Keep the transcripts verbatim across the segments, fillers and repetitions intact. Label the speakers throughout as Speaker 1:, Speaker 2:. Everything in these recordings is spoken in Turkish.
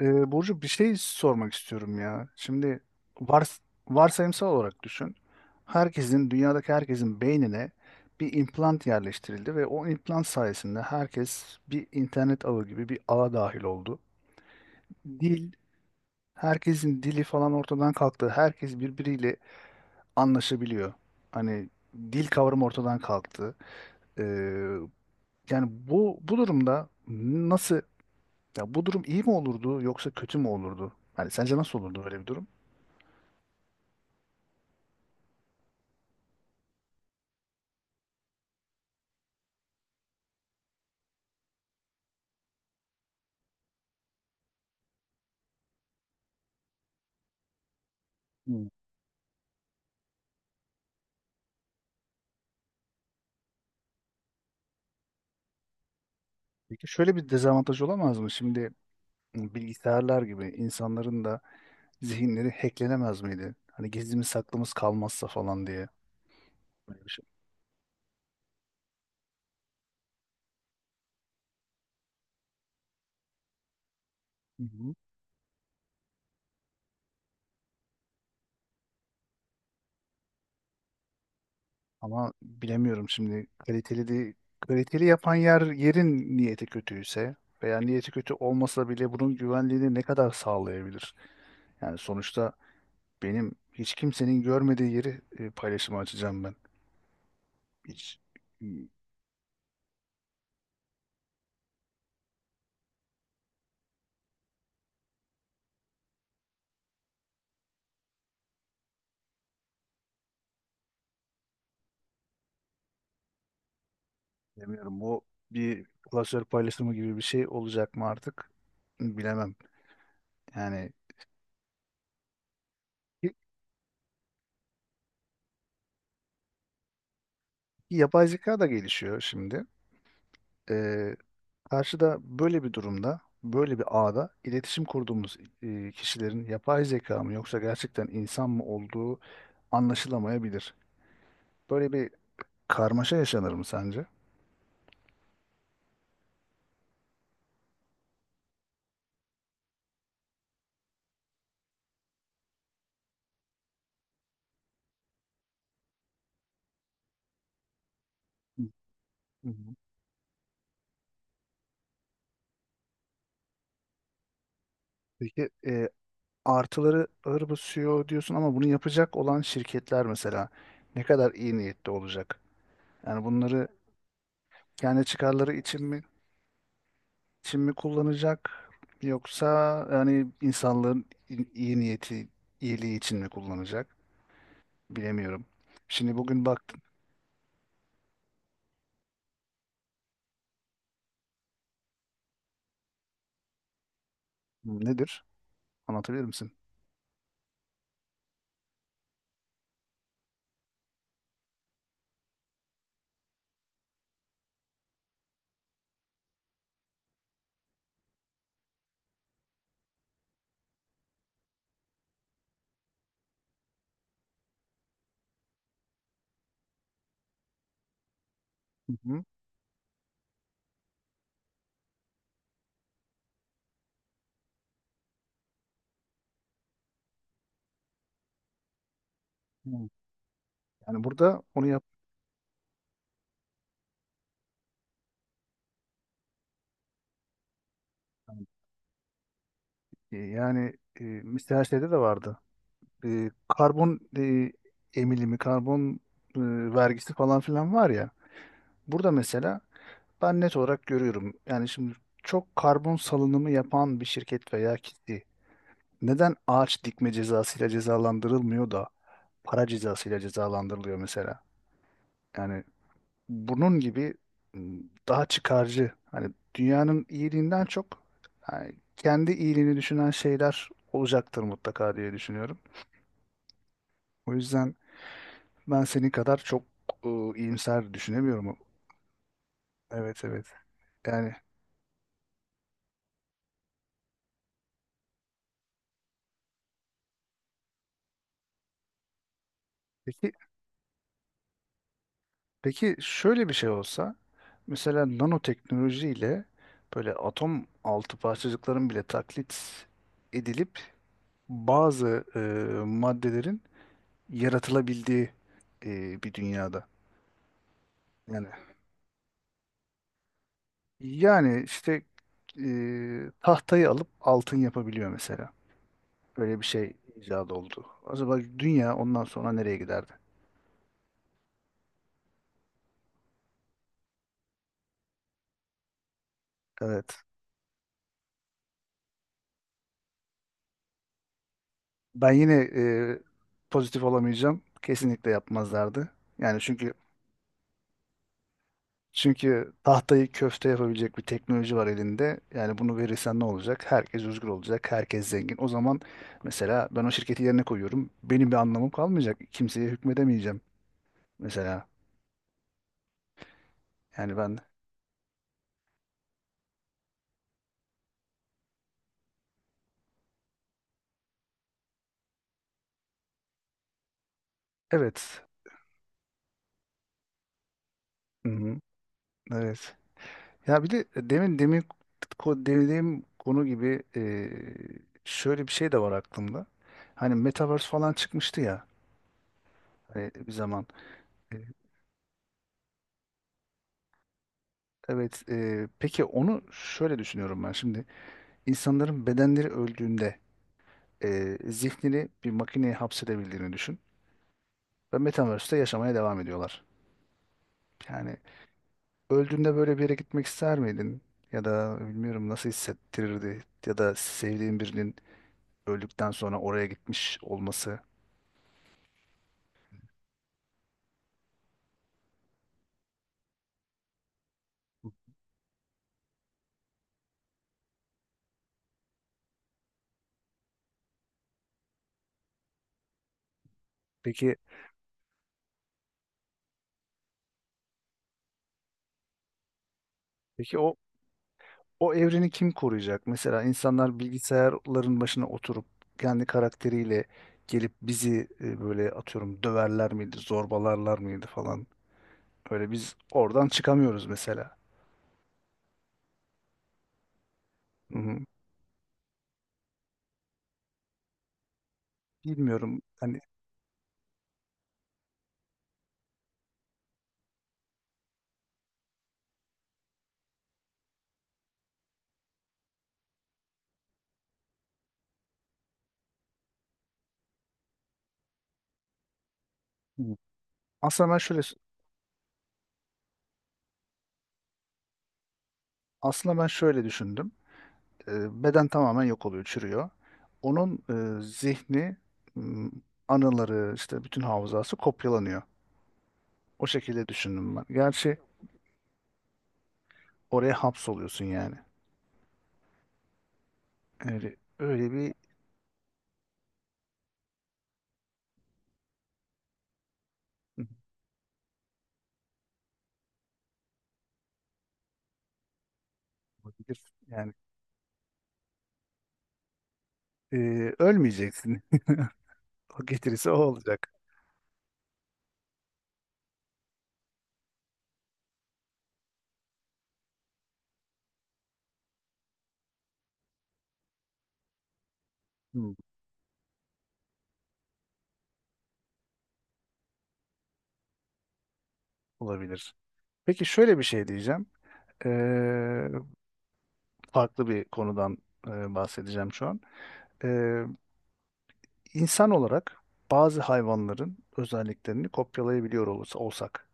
Speaker 1: Ee, Burcu, bir şey sormak istiyorum ya. Şimdi vars varsayımsal olarak düşün. Herkesin, dünyadaki herkesin beynine bir implant yerleştirildi ve o implant sayesinde herkes bir internet ağı gibi bir ağa dahil oldu. Dil, herkesin dili falan ortadan kalktı. Herkes birbiriyle anlaşabiliyor. Hani dil kavramı ortadan kalktı. Ee, Yani bu bu durumda nasıl, ya bu durum iyi mi olurdu yoksa kötü mü olurdu? Hani sence nasıl olurdu böyle bir durum? Hmm. Peki şöyle bir dezavantaj olamaz mı? Şimdi bilgisayarlar gibi insanların da zihinleri hacklenemez miydi? Hani gizlimiz saklımız kalmazsa falan diye. Böyle bir şey. Hı hı. Ama bilemiyorum, şimdi kaliteli de kaliteli yapan yer yerin niyeti kötüyse veya niyeti kötü olmasa bile bunun güvenliğini ne kadar sağlayabilir? Yani sonuçta benim hiç kimsenin görmediği yeri e, paylaşıma açacağım ben. Hiç Bilmiyorum, bu bir klasör paylaşımı gibi bir şey olacak mı artık, bilemem. Yani y- yapay zeka da gelişiyor şimdi. Ee, Karşıda böyle bir durumda, böyle bir ağda iletişim kurduğumuz e, kişilerin yapay zeka mı yoksa gerçekten insan mı olduğu anlaşılamayabilir. Böyle bir karmaşa yaşanır mı sence? Hı hı. Peki, e, artıları ağır basıyor diyorsun ama bunu yapacak olan şirketler mesela ne kadar iyi niyetli olacak? Yani bunları kendi çıkarları için mi, için mi kullanacak, yoksa yani insanlığın i- iyi niyeti, iyiliği için mi kullanacak? Bilemiyorum. Şimdi bugün baktım. Nedir? Anlatabilir misin? Hı hı. Hı. Yani burada onu yap yani, e, mesela şeyde de vardı. E, karbon, e, emilimi, karbon, e, vergisi falan filan var ya. Burada mesela ben net olarak görüyorum. Yani şimdi çok karbon salınımı yapan bir şirket veya kitle neden ağaç dikme cezasıyla cezalandırılmıyor da para cezasıyla cezalandırılıyor mesela? Yani bunun gibi, m, daha çıkarcı, hani dünyanın iyiliğinden çok yani kendi iyiliğini düşünen şeyler olacaktır mutlaka diye düşünüyorum. O yüzden ben senin kadar çok e, iyimser düşünemiyorum. Evet, evet. Yani peki, peki şöyle bir şey olsa, mesela nanoteknolojiyle böyle atom altı parçacıkların bile taklit edilip bazı e, maddelerin yaratılabildiği e, bir dünyada. Yani yani işte, e, tahtayı alıp altın yapabiliyor mesela. Böyle bir şey icat oldu. Acaba dünya ondan sonra nereye giderdi? Evet. Ben yine e, pozitif olamayacağım. Kesinlikle yapmazlardı. Yani çünkü, çünkü tahtayı köfte yapabilecek bir teknoloji var elinde. Yani bunu verirsen ne olacak? Herkes özgür olacak, herkes zengin. O zaman mesela ben o şirketi yerine koyuyorum. Benim bir anlamım kalmayacak. Kimseye hükmedemeyeceğim mesela. Yani ben, evet. Hı-hı. Evet. Ya bir de demin demin ko- dediğim konu gibi, e, şöyle bir şey de var aklımda. Hani Metaverse falan çıkmıştı ya, hani bir zaman. E, Evet, e, peki onu şöyle düşünüyorum ben şimdi. İnsanların bedenleri öldüğünde e, zihnini bir makineye hapsedebildiğini düşün ve Metaverse'te yaşamaya devam ediyorlar. Yani öldüğünde böyle bir yere gitmek ister miydin? Ya da bilmiyorum, nasıl hissettirirdi, ya da sevdiğin birinin öldükten sonra oraya gitmiş olması. Peki, peki o o evreni kim koruyacak? Mesela insanlar bilgisayarların başına oturup kendi karakteriyle gelip bizi e, böyle atıyorum döverler miydi, zorbalarlar mıydı falan. Öyle biz oradan çıkamıyoruz mesela. Hı hı. Bilmiyorum. Hani. Hı. aslında ben şöyle aslında ben şöyle düşündüm. E, Beden tamamen yok oluyor, çürüyor. Onun e, zihni, m, anıları, işte bütün hafızası kopyalanıyor. O şekilde düşündüm ben. Gerçi oraya hapsoluyorsun yani. Öyle, öyle bir. Olabilir. Yani e, ölmeyeceksin. O getirisi o olacak. Hmm, olabilir. Peki şöyle bir şey diyeceğim. Ee, Farklı bir konudan e, bahsedeceğim şu an. Ee, insan olarak bazı hayvanların özelliklerini kopyalayabiliyor olursa olsak,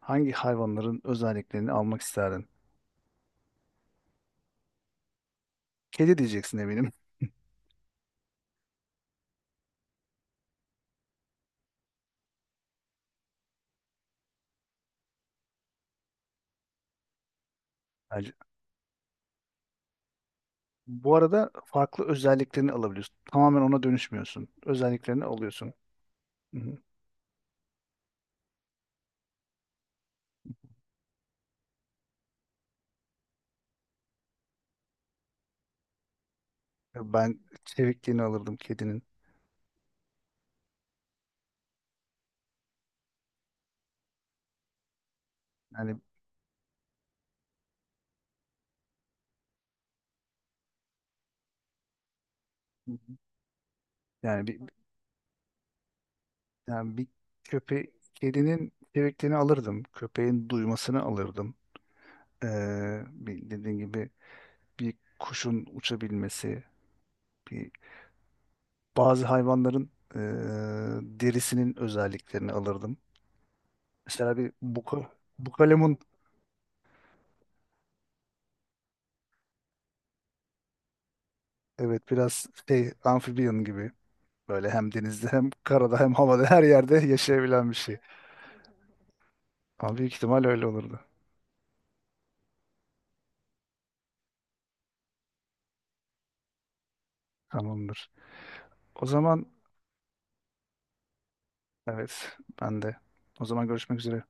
Speaker 1: hangi hayvanların özelliklerini almak isterdin? Kedi diyeceksin eminim. Bence. Bu arada farklı özelliklerini alabiliyorsun. Tamamen ona dönüşmüyorsun. Özelliklerini alıyorsun. Hı hı. Ben çevikliğini alırdım kedinin. Yani yani bir yani bir köpe Kedinin çevikliğini alırdım. Köpeğin duymasını alırdım. Ee, Bir, dediğin gibi bir kuşun uçabilmesi, bir bazı hayvanların eee, derisinin özelliklerini alırdım. Mesela bir buko, bukalemun, evet, biraz şey, amfibiyon gibi, böyle hem denizde hem karada hem havada her yerde yaşayabilen bir şey. Ama büyük ihtimal öyle olurdu. Tamamdır. O zaman evet, ben de. O zaman görüşmek üzere.